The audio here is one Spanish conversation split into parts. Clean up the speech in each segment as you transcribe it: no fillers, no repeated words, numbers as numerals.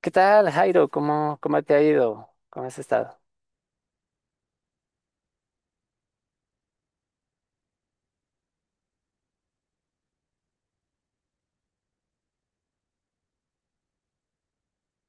¿Qué tal, Jairo? ¿Cómo te ha ido? ¿Cómo has estado?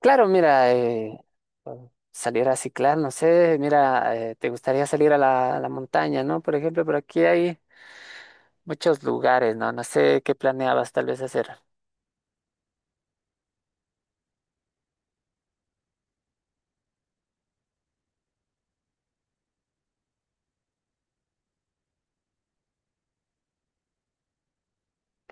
Claro, mira, bueno, salir a ciclar, no sé, mira, te gustaría salir a la montaña, ¿no? Por ejemplo, por aquí hay muchos lugares, ¿no? No sé qué planeabas tal vez hacer.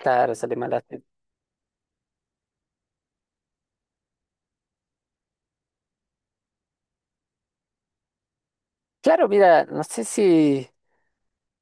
Claro, salir a Claro, mira, no sé si,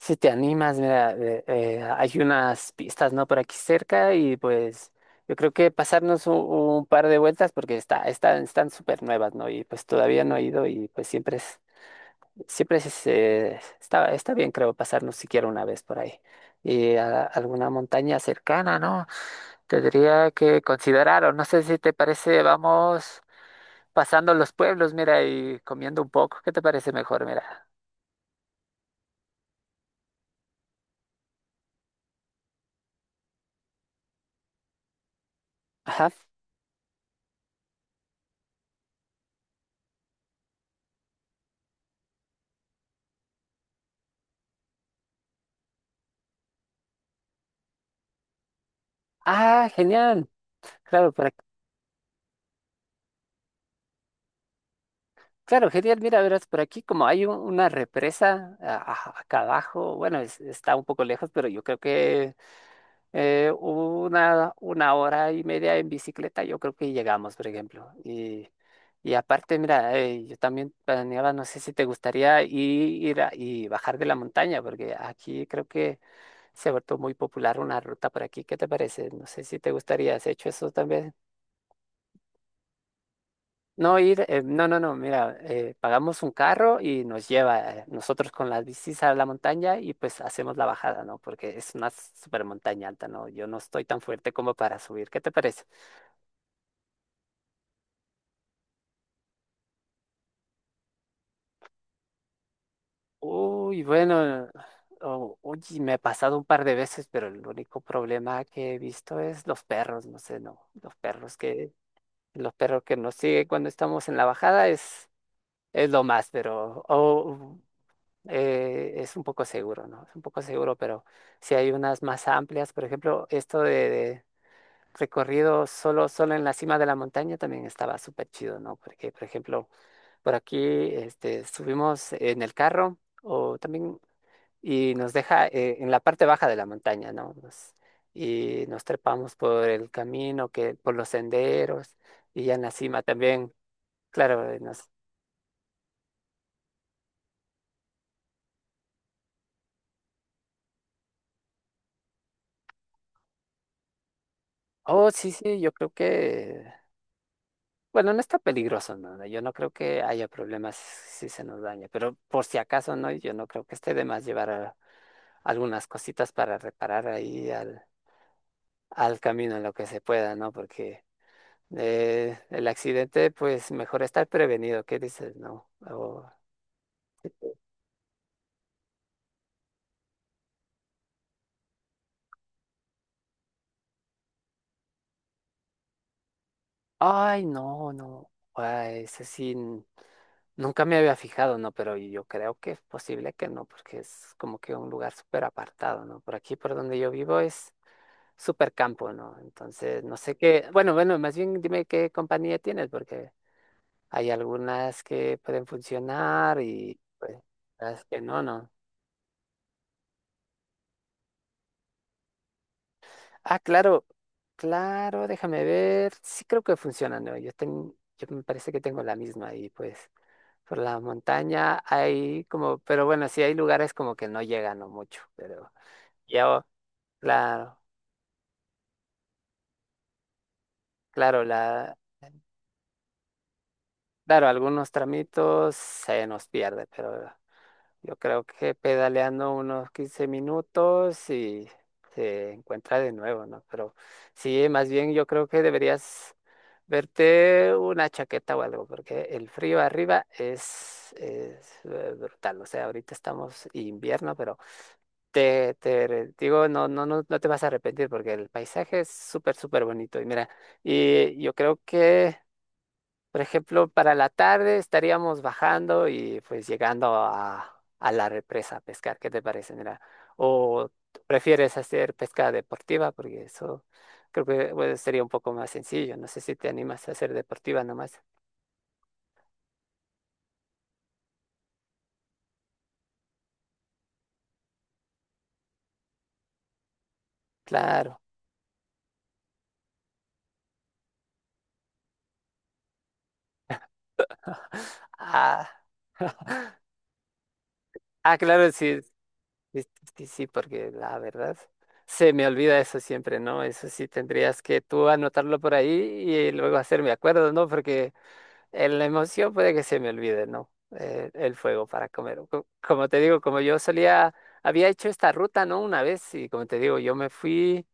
si te animas, mira, hay unas pistas, ¿no? Por aquí cerca y pues. Yo creo que pasarnos un par de vueltas porque están súper nuevas, ¿no? Y pues todavía no he ido y pues siempre es. Siempre es, está bien, creo, pasarnos siquiera una vez por ahí. Y a alguna montaña cercana, ¿no? Tendría que considerar, o no sé si te parece, vamos pasando los pueblos, mira, y comiendo un poco. ¿Qué te parece mejor, mira? Ajá. Ah, genial. Claro, por ac- Claro, genial. Mira, verás, por aquí como hay una represa acá abajo, bueno, está un poco lejos, pero yo creo que una hora y media en bicicleta, yo creo que llegamos, por ejemplo. Y aparte, mira, yo también planeaba, no sé si te gustaría ir, y bajar de la montaña, porque aquí creo que se ha vuelto muy popular una ruta por aquí. ¿Qué te parece? No sé si te gustaría, ¿has hecho eso también? No ir, no, no, no, mira, pagamos un carro y nos lleva nosotros con las bicis a la montaña y pues hacemos la bajada, ¿no? Porque es una super montaña alta, ¿no? Yo no estoy tan fuerte como para subir. ¿Qué te parece? Uy, bueno, oye, me ha pasado un par de veces, pero el único problema que he visto es los perros, no sé, no, los perros que nos siguen cuando estamos en la bajada es lo más, pero es un poco seguro, ¿no? Es un poco seguro, pero si hay unas más amplias, por ejemplo, esto de recorrido solo en la cima de la montaña también estaba súper chido, ¿no? Porque, por ejemplo, por aquí, este, subimos en el carro o también y nos deja en la parte baja de la montaña, ¿no? Y nos trepamos por el camino, que, por los senderos, y ya en la cima también, claro, nos. Oh, sí, sí, yo creo que, bueno, no está peligroso, ¿no? Yo no creo que haya problemas si se nos daña, pero por si acaso, ¿no? Yo no creo que esté de más llevar algunas cositas para reparar ahí al camino en lo que se pueda, ¿no? Porque el accidente, pues mejor estar prevenido, ¿qué dices? No. Ay, no, no. Ay, ese sí, nunca me había fijado, ¿no? Pero yo creo que es posible que no, porque es como que un lugar súper apartado, ¿no? Por aquí, por donde yo vivo, es súper campo, ¿no? Entonces, no sé qué. Bueno, bueno, más bien dime qué compañía tienes, porque hay algunas que pueden funcionar y pues las que no, ¿no? Ah, claro, claro, déjame ver. Sí creo que funcionan, ¿no? Yo me parece que tengo la misma y pues. Por la montaña hay como, pero bueno, sí hay lugares como que no llegan o mucho, pero ya, claro, claro, claro, algunos tramitos se nos pierde, pero yo creo que pedaleando unos 15 minutos y se encuentra de nuevo, ¿no? Pero sí, más bien yo creo que deberías verte una chaqueta o algo, porque el frío arriba es, es brutal, o sea, ahorita estamos invierno, pero. Te digo, no, no, no, no te vas a arrepentir porque el paisaje es súper, súper bonito. Y mira, y yo creo que, por ejemplo, para la tarde estaríamos bajando y pues llegando a la represa a pescar. ¿Qué te parece? Mira, o prefieres hacer pesca deportiva porque eso creo que pues, sería un poco más sencillo. No sé si te animas a hacer deportiva nomás. Claro. Ah. Ah, claro, sí, es que sí, porque la verdad se me olvida eso siempre, ¿no? Eso sí tendrías que tú anotarlo por ahí y luego hacerme acuerdo, ¿no? Porque en la emoción puede que se me olvide, ¿no? El fuego para comer. Como te digo, como yo solía, había hecho esta ruta, ¿no? Una vez y como te digo, yo me fui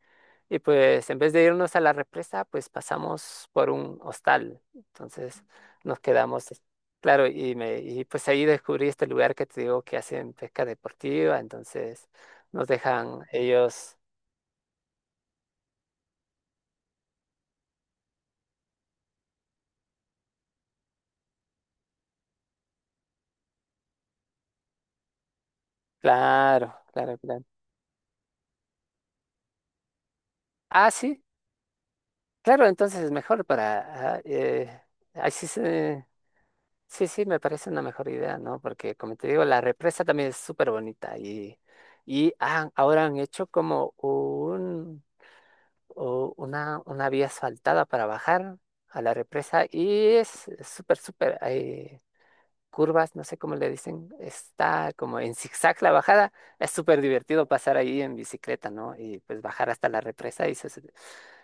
y pues en vez de irnos a la represa, pues pasamos por un hostal. Entonces nos quedamos, claro, y pues ahí descubrí este lugar que te digo que hacen pesca deportiva, entonces nos dejan ellos, claro, claro, claro. Ah, sí, claro, entonces es mejor para. Así se. Sí, sí, me parece una mejor idea, ¿no? Porque como te digo, la represa también es súper bonita y ahora han hecho como un, o una vía asfaltada para bajar a la represa y es súper, súper, curvas, no sé cómo le dicen, está como en zigzag la bajada. Es súper divertido pasar ahí en bicicleta, ¿no? Y pues bajar hasta la represa y se- se-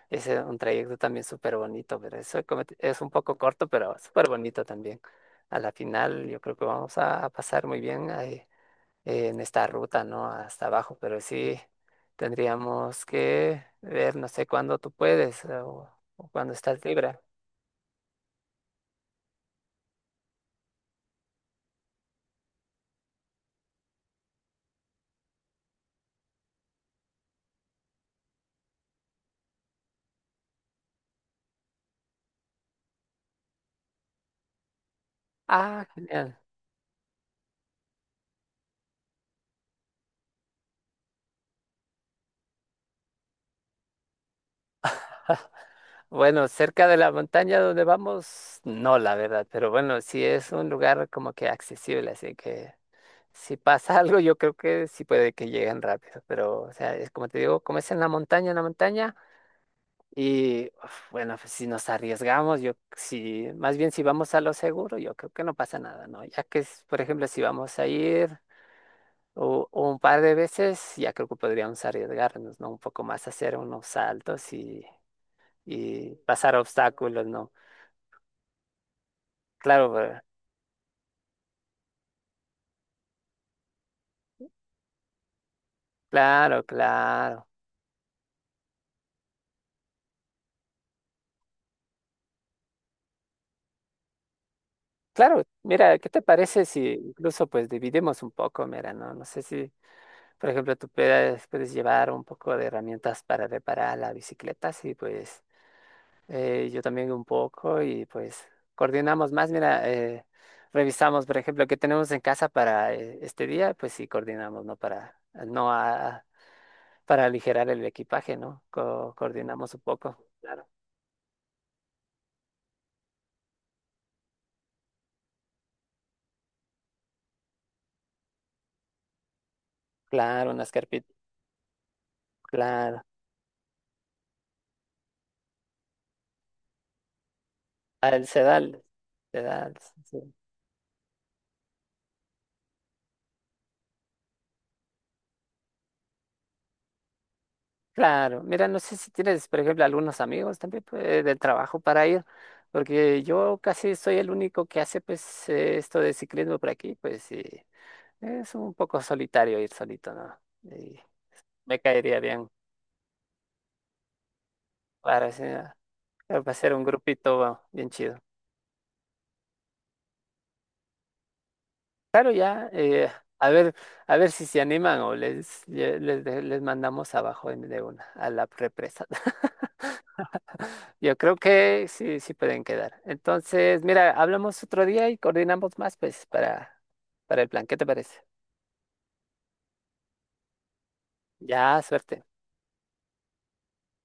es eh, un trayecto también súper bonito, pero eso es un poco corto, pero súper bonito también. A la final yo creo que vamos a pasar muy bien ahí, en esta ruta, ¿no? Hasta abajo, pero sí tendríamos que ver, no sé cuándo tú puedes o, cuándo estás libre. Ah, genial. Bueno, cerca de la montaña donde vamos, no, la verdad, pero bueno, sí es un lugar como que accesible, así que si pasa algo, yo creo que sí puede que lleguen rápido, pero o sea, es como te digo, como es en la montaña, y uf, bueno, pues si nos arriesgamos, yo sí, más bien si vamos a lo seguro, yo creo que no pasa nada, ¿no? Ya que, es, por ejemplo, si vamos a ir un par de veces, ya creo que podríamos arriesgarnos, ¿no? Un poco más hacer unos saltos y pasar obstáculos, ¿no? Claro, pues, claro, claro. Claro, mira, ¿qué te parece si incluso pues dividimos un poco? Mira, no, no sé si, por ejemplo, tú puedes llevar un poco de herramientas para reparar la bicicleta, sí, pues yo también un poco y pues coordinamos más, mira, revisamos, por ejemplo, qué tenemos en casa para este día, pues sí, coordinamos, ¿no? Para, no a- para aligerar el equipaje, ¿no? Coordinamos un poco. Claro. Claro, unas carpitas, claro. Al sedal. Sedal, sí. Claro, mira, no sé si tienes, por ejemplo, algunos amigos también pues, del trabajo para ir, porque yo casi soy el único que hace pues esto de ciclismo por aquí, pues sí, es un poco solitario ir solito, ¿no? Y me caería bien para, hacer- para hacer un grupito bueno, bien chido. Claro, ya, a ver, a ver si se animan o les mandamos abajo de una, a la represa. Yo creo que sí, sí pueden quedar. Entonces, mira, hablamos otro día y coordinamos más, pues, para el plan. ¿Qué te parece? Ya, suerte.